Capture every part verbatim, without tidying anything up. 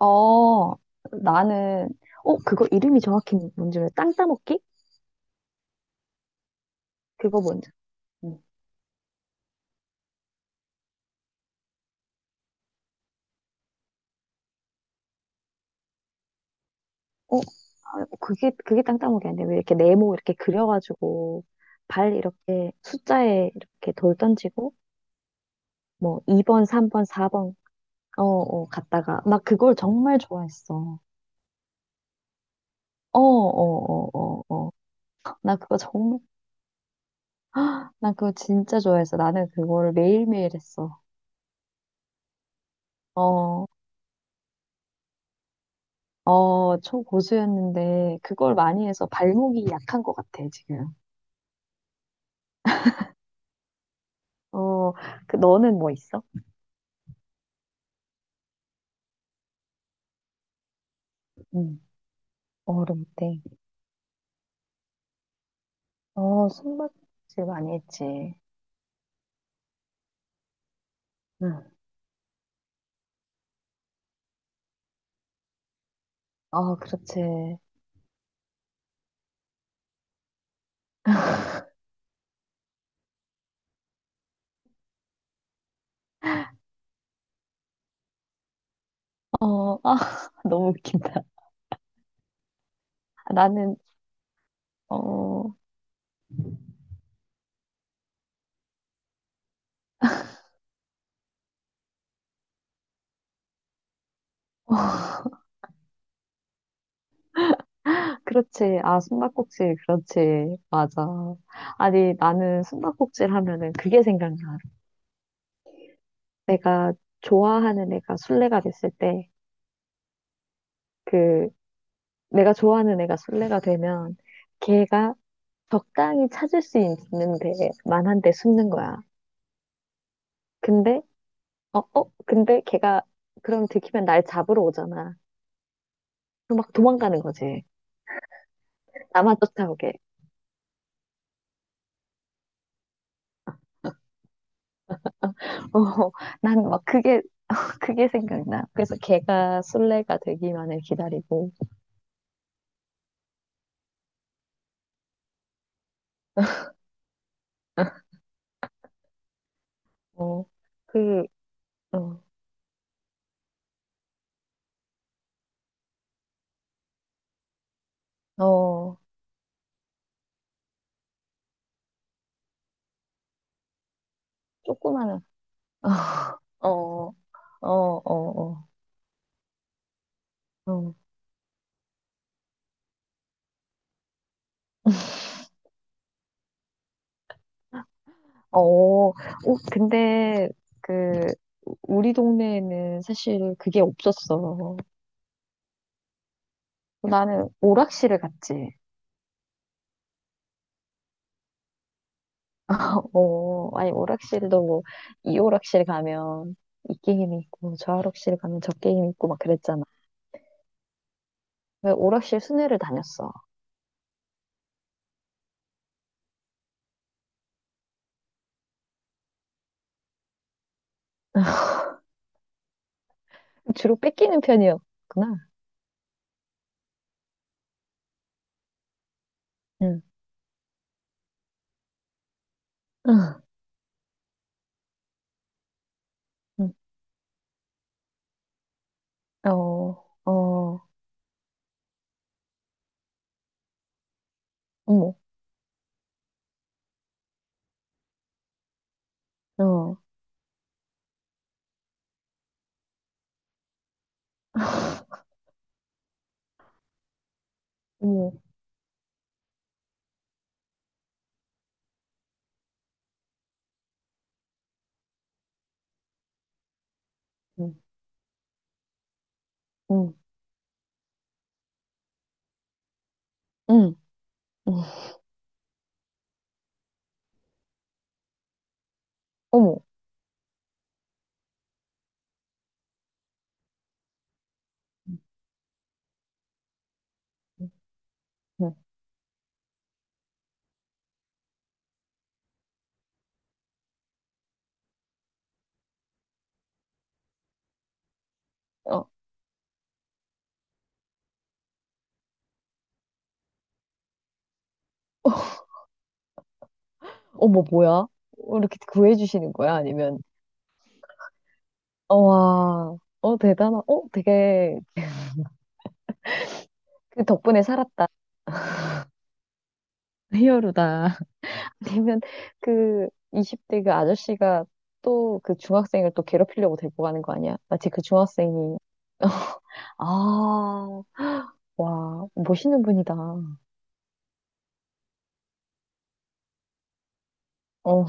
어, 나는, 어, 그거 이름이 정확히 뭔지 몰라. 땅 따먹기? 그거 뭔지. 음. 어, 아, 그게, 그게 땅 따먹기 아닌데, 왜 이렇게 네모 이렇게 그려가지고, 발 이렇게 숫자에 이렇게 돌 던지고, 뭐, 이 번, 삼 번, 사 번, 어, 어, 갔다가, 나 그걸 정말 좋아했어. 어, 어, 어, 어, 어. 나 그거 정말, 나 그거 진짜 좋아했어. 나는 그거를 매일매일 했어. 어, 어, 초고수였는데, 그걸 많이 해서 발목이 약한 것 같아, 지금. 어, 그, 너는 뭐 있어? 응. 어른 때. 어, 숨바꼭질 많이 했지. 응. 아, 그렇지. 어, 아, 너무 웃긴다. 나는, 어, 어, 그렇지. 아, 숨바꼭질, 그렇지. 맞아. 아니, 나는 숨바꼭질 하면은 그게 생각나. 내가 좋아하는 애가 술래가 됐을 때, 그, 내가 좋아하는 애가 술래가 되면, 걔가 적당히 찾을 수 있는 데만한 데 숨는 거야. 근데 어, 어, 근데 걔가 그럼 들키면 날 잡으러 오잖아. 그럼 막 도망가는 거지. 나만 쫓아오게. 어, 난 막 그게, 그게 생각나. 그래서 걔가 술래가 되기만을 기다리고, 어, 그, 어, 어, 조그마한, 어, 어, 어, 어, 어, 어, 어, 어. 어, 근데 그, 우리 동네에는 사실 그게 없었어. 나는 오락실을 갔지. 어, 아니, 오락실도 뭐, 이 오락실 가면 이 게임이 있고, 저 오락실 가면 저 게임이 있고, 막 그랬잖아. 왜 오락실 순회를 다녔어. 주로 뺏기는 편이었구나. 응. 응. 응. 어, 어, 어머, 어, 어머, 응, 응, 응, 응. 어머, 응, 응. 어, 어머, 뭐야? 어, 이렇게 구해주시는 거야? 아니면, 어, 와, 어, 대단하, 어, 되게, 그 덕분에 살았다. 히어로다. 되면 그 이십 대 그 아저씨가 또 그 중학생을 또 괴롭히려고 데리고 가는 거 아니야? 마치 그 중학생이. 아, 와, 멋있는 분이다. 어, 어,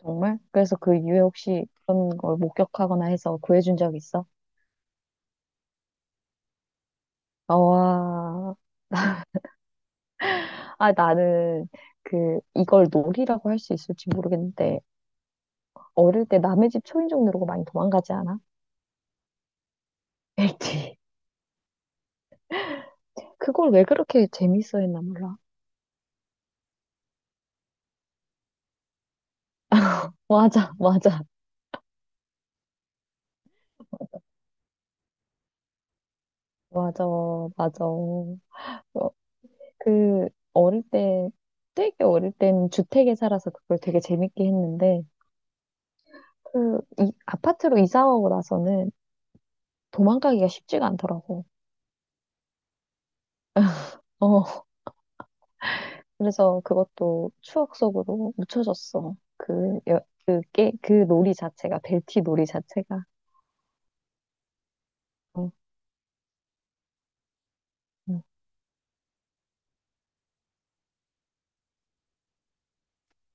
정말? 그래서 그 이후에 혹시 그런 걸 목격하거나 해서 구해준 적 있어? 아, 와, 아, 나는 그, 이걸 놀이라고 할 수 있을지 모르겠는데, 어릴 때 남의 집 초인종 누르고 많이 도망가지 않아? 애티 그걸 왜 그렇게 재밌어 했나 몰라. 맞아, 맞아. 맞아, 맞아. 어, 그, 어릴 때, 되게 어릴 때는 주택에 살아서 그걸 되게 재밌게 했는데, 그, 이, 아파트로 이사 오고 나서는 도망가기가 쉽지가 않더라고. 어, 그래서 그것도 추억 속으로 묻혀졌어. 그, 여, 그, 게, 그 놀이 자체가, 벨티 놀이 자체가. 어, 음.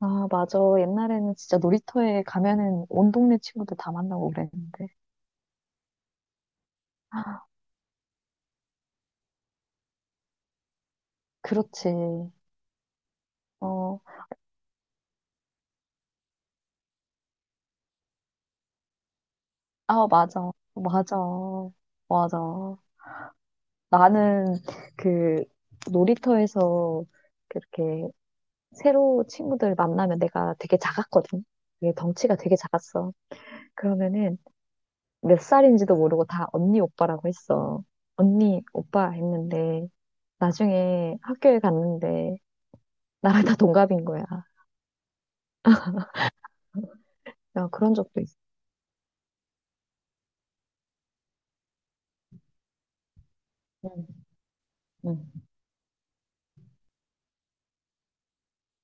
아, 맞아. 옛날에는 진짜 놀이터에 가면은 온 동네 친구들 다 만나고 그랬는데. 그렇지. 어, 아, 맞아. 맞아. 맞아. 나는 그 놀이터에서 그렇게 새로 친구들 만나면 내가 되게 작았거든. 되게 덩치가 되게 작았어. 그러면은 몇 살인지도 모르고 다 언니 오빠라고 했어. 언니 오빠 했는데 나중에 학교에 갔는데 나랑 다 동갑인 거야. 야, 그런 적도 있어. 응, 응,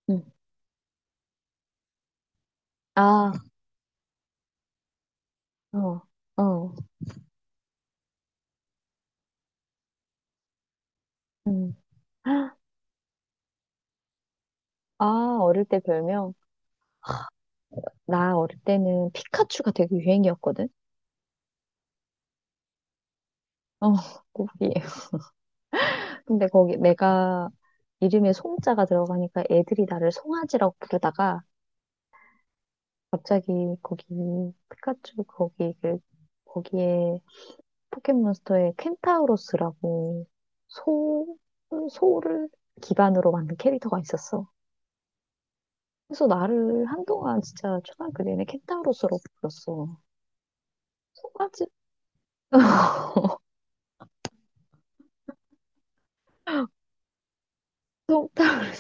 응. 아, 어, 어. 응. 아, 어릴 때 별명? 나 어릴 때는 피카츄가 되게 유행이었거든. 어, 꼬리에. 근데 거기 내가 이름에 송자가 들어가니까 애들이 나를 송아지라고 부르다가 갑자기 거기 피카츄 거기 그 거기에 포켓몬스터에 켄타우로스라고 소 소를 기반으로 만든 캐릭터가 있었어. 그래서 나를 한동안 진짜 초등학교 내내 켄타우로스로 불렀어. 송아지? 송타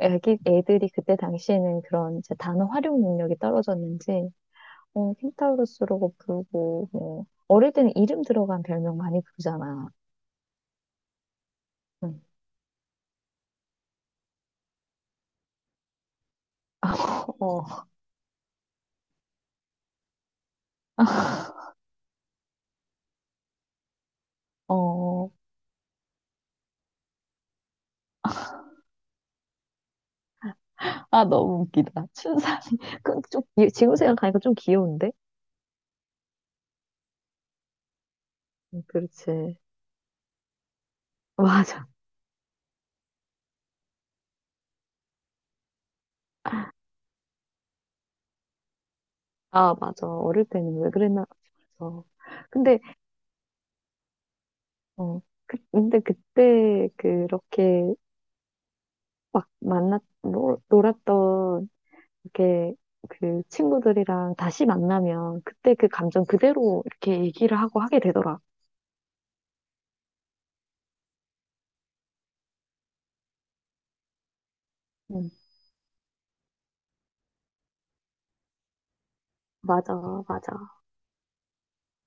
애기, 애들이 그때 당시에는 그런 이제 단어 활용 능력이 떨어졌는지, 어, 켄타우로스라고 부르고, 뭐, 어릴 때는 이름 들어간 별명 많이 부르잖아. 응. 어, 어, 아, 너무 웃기다. 춘삼이. 그, 좀, 귀- 지금 생각하니까 좀 귀여운데? 응, 그렇지. 맞아. 아, 맞아. 어릴 때는 왜 그랬나 싶어서. 근데, 어, 그, 근데 그때 그렇게 막 만났, 놀, 놀았던 이렇게 그 친구들이랑 다시 만나면 그때 그 감정 그대로 이렇게 얘기를 하고 하게 되더라. 응. 맞아, 맞아,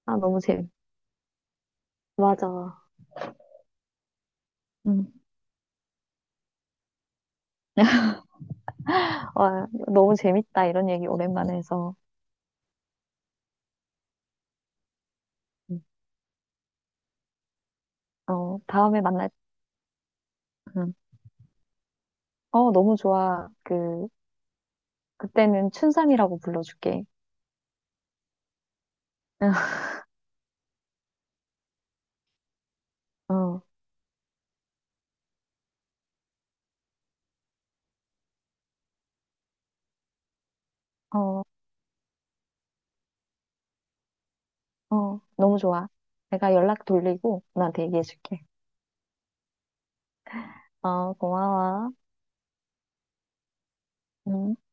아, 너무 재밌. 맞아. 응. 와, 너무 재밌다. 이런 얘기 오랜만에 해서. 응. 어, 다음에 만날, 응. 어, 너무 좋아. 그, 그때는 춘삼이라고 불러줄게. 어, 어, 어, 너무 좋아. 내가 연락 돌리고 너한테 얘기해줄게. 어, 고마워. 응.